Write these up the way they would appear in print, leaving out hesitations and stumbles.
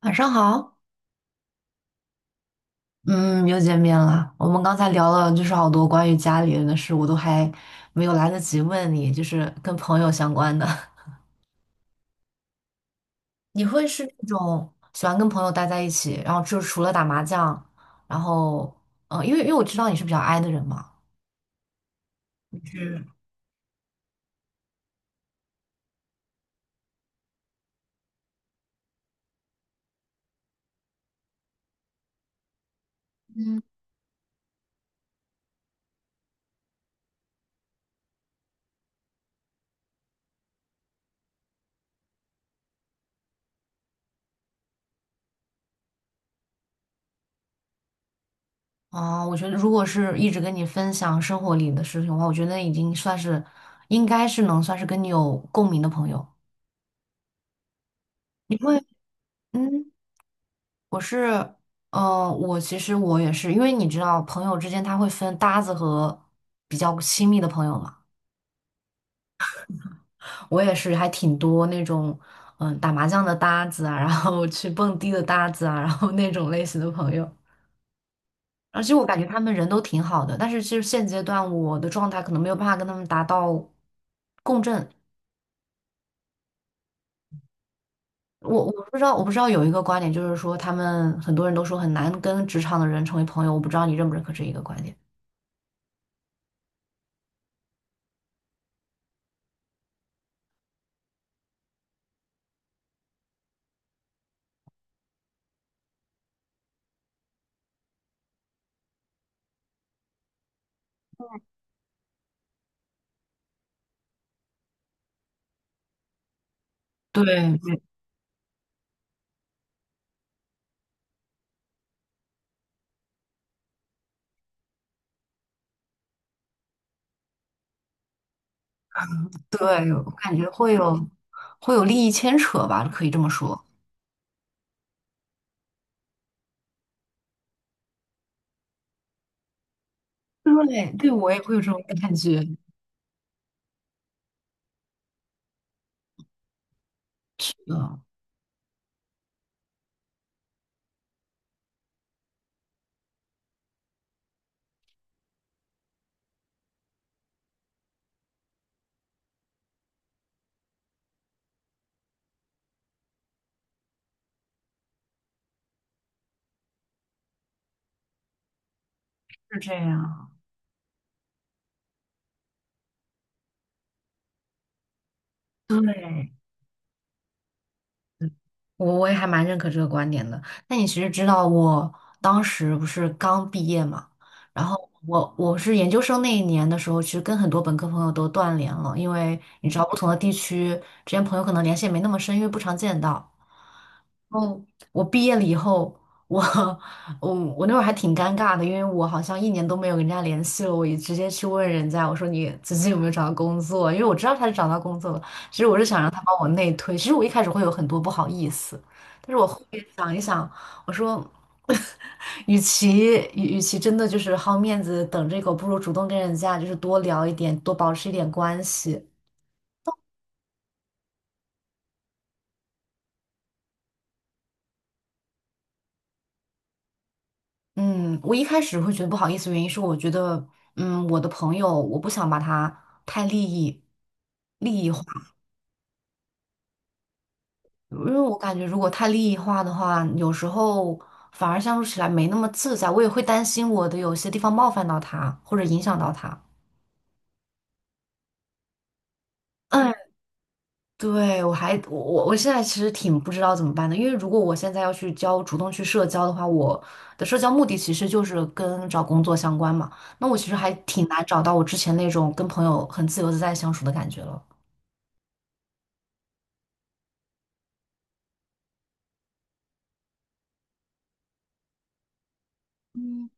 晚上好，嗯，又见面了。我们刚才聊了就是好多关于家里人的事，我都还没有来得及问你，就是跟朋友相关的。你会是那种喜欢跟朋友待在一起，然后就除了打麻将，然后因为我知道你是比较 i 的人嘛，就是嗯，我觉得如果是一直跟你分享生活里的事情的话，我觉得已经算是应该是能算是跟你有共鸣的朋友。你会嗯。我是，我其实我也是，因为你知道，朋友之间他会分搭子和比较亲密的朋友嘛。我也是，还挺多那种，嗯，打麻将的搭子啊，然后 去蹦迪的搭子啊，然后那种类型的朋友。而且我感觉他们人都挺好的，但是其实现阶段我的状态可能没有办法跟他们达到共振。我不知道，我不知道有一个观点，就是说他们很多人都说很难跟职场的人成为朋友，我不知道你认不认可这一个观点。对，对，我感觉会有会有利益牵扯吧，可以这么说。对，对我也会有这种感觉，是的，是这样。对，我我也还蛮认可这个观点的。那你其实知道，我当时不是刚毕业嘛，然后我是研究生那一年的时候，其实跟很多本科朋友都断联了，因为你知道，不同的地区之间朋友可能联系也没那么深，因为不常见到。嗯，我毕业了以后，我 我那会儿还挺尴尬的，因为我好像一年都没有跟人家联系了，我也直接去问人家，我说你最近有没有找到工作？因为我知道他是找到工作了，其实我是想让他帮我内推，其实我一开始会有很多不好意思，但是我后面想一想，我说。与其真的就是好面子等这个，不如主动跟人家就是多聊一点，多保持一点关系。嗯，我一开始会觉得不好意思，原因是我觉得，嗯，我的朋友，我不想把他太利益利益化，因为我感觉如果太利益化的话，有时候反而相处起来没那么自在，我也会担心我的有些地方冒犯到他，或者影响到他。嗯对，我还我现在其实挺不知道怎么办的，因为如果我现在要去交主动去社交的话，我的社交目的其实就是跟找工作相关嘛。那我其实还挺难找到我之前那种跟朋友很自由自在相处的感觉了。嗯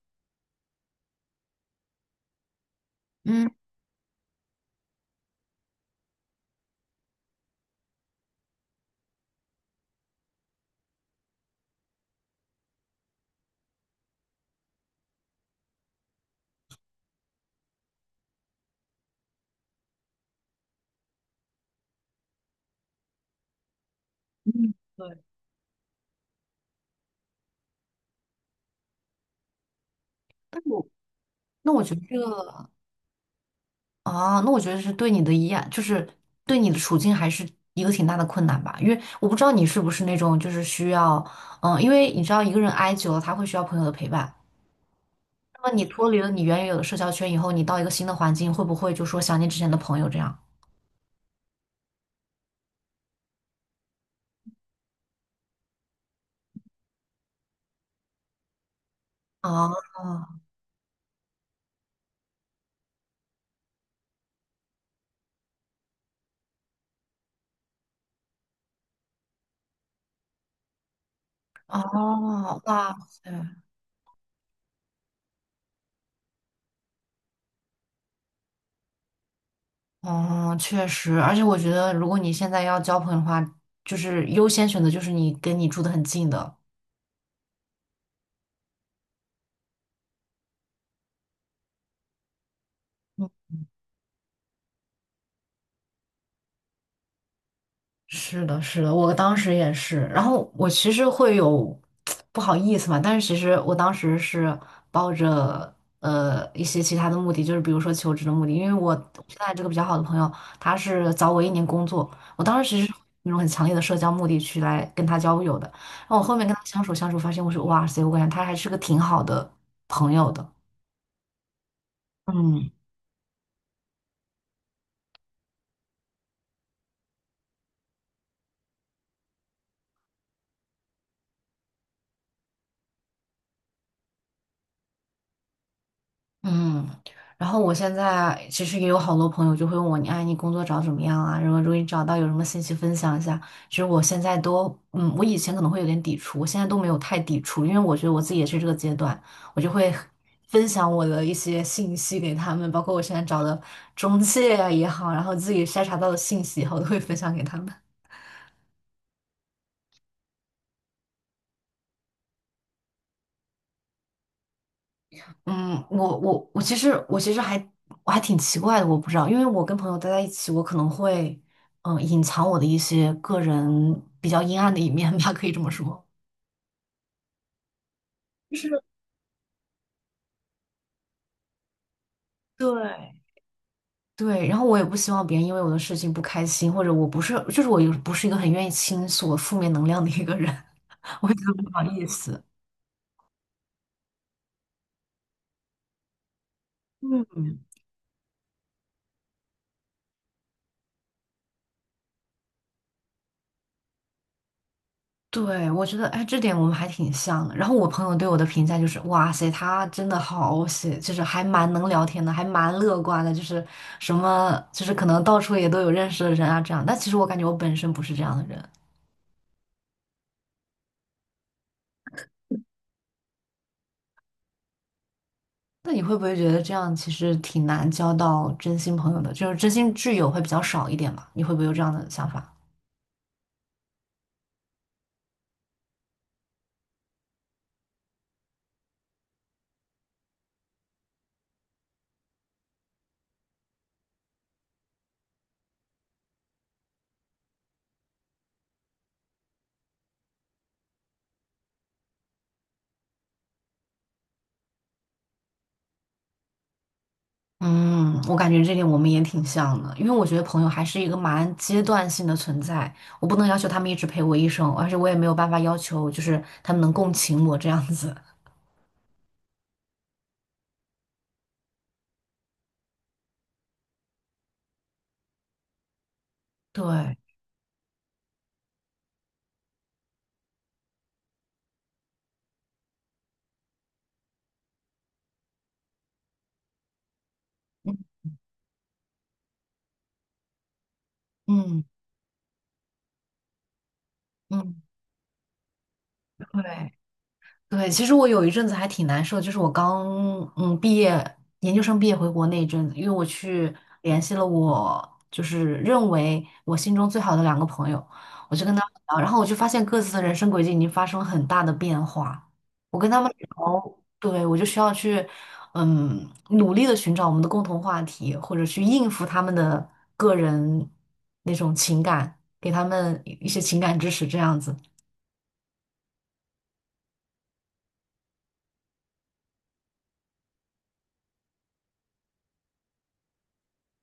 嗯，嗯，对，那我觉得这个那我觉得是对你的一赖，就是对你的处境还是一个挺大的困难吧。因为我不知道你是不是那种就是需要，嗯，因为你知道一个人挨久了，他会需要朋友的陪伴。那么你脱离了你原有的社交圈以后，你到一个新的环境，会不会就说想念之前的朋友这样？啊啊，哇塞，哦，确实，而且我觉得，如果你现在要交朋友的话，就是优先选择就是你跟你住的很近的。是的，是的，我当时也是。然后我其实会有 不好意思嘛，但是其实我当时是抱着一些其他的目的，就是比如说求职的目的，因为我现在这个比较好的朋友，他是早我一年工作，我当时其实是那种很强烈的社交目的去来跟他交友的。然后我后面跟他相处相处，发现我说哇塞，我感觉他还是个挺好的朋友的。嗯。嗯，然后我现在其实也有好多朋友就会问我，你哎，你工作找的怎么样啊？如果你找到有什么信息分享一下。其实我现在都，嗯，我以前可能会有点抵触，我现在都没有太抵触，因为我觉得我自己也是这个阶段，我就会 分享我的一些信息给他们，包括我现在找的中介啊也好，然后自己筛查到的信息以后都会分享给他们。嗯，我其实我其实还我还挺奇怪的，我不知道，因为我跟朋友待在一起，我可能会隐藏我的一些个人比较阴暗的一面吧，可以这么说。就是对，对，然后我也不希望别人因为我的事情不开心，或者我不是，就是我又不是一个很愿意倾诉我负面能量的一个人，我会觉得不好意思。嗯，嗯。对，我觉得，哎，这点我们还挺像的。然后我朋友对我的评价就是，哇塞，他真的好写，就是还蛮能聊天的，还蛮乐观的，就是什么，就是可能到处也都有认识的人啊，这样。但其实我感觉我本身不是这样的人。那你会不会觉得这样其实挺难交到真心朋友的？就是真心挚友会比较少一点嘛？你会不会有这样的想法？嗯，我感觉这点我们也挺像的，因为我觉得朋友还是一个蛮阶段性的存在，我不能要求他们一直陪我一生，而且我也没有办法要求就是他们能共情我这样子。对，嗯嗯嗯，对，对，其实我有一阵子还挺难受，就是我刚毕业，研究生毕业回国那一阵子，因为我去联系了我就是认为我心中最好的两个朋友，我就跟他们聊，然后我就发现各自的人生轨迹已经发生了很大的变化。我跟他们聊，对，我就需要去嗯努力的寻找我们的共同话题，或者去应付他们的个人那种情感，给他们一些情感支持这样子。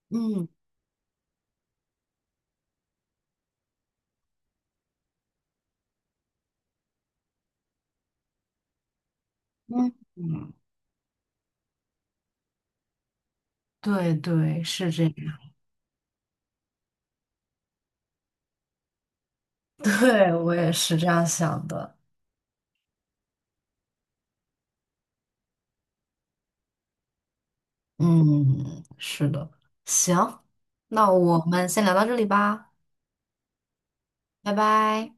嗯嗯。嗯对对，是这样，对，我也是这样想的。嗯，是的，行，那我们先聊到这里吧，拜拜。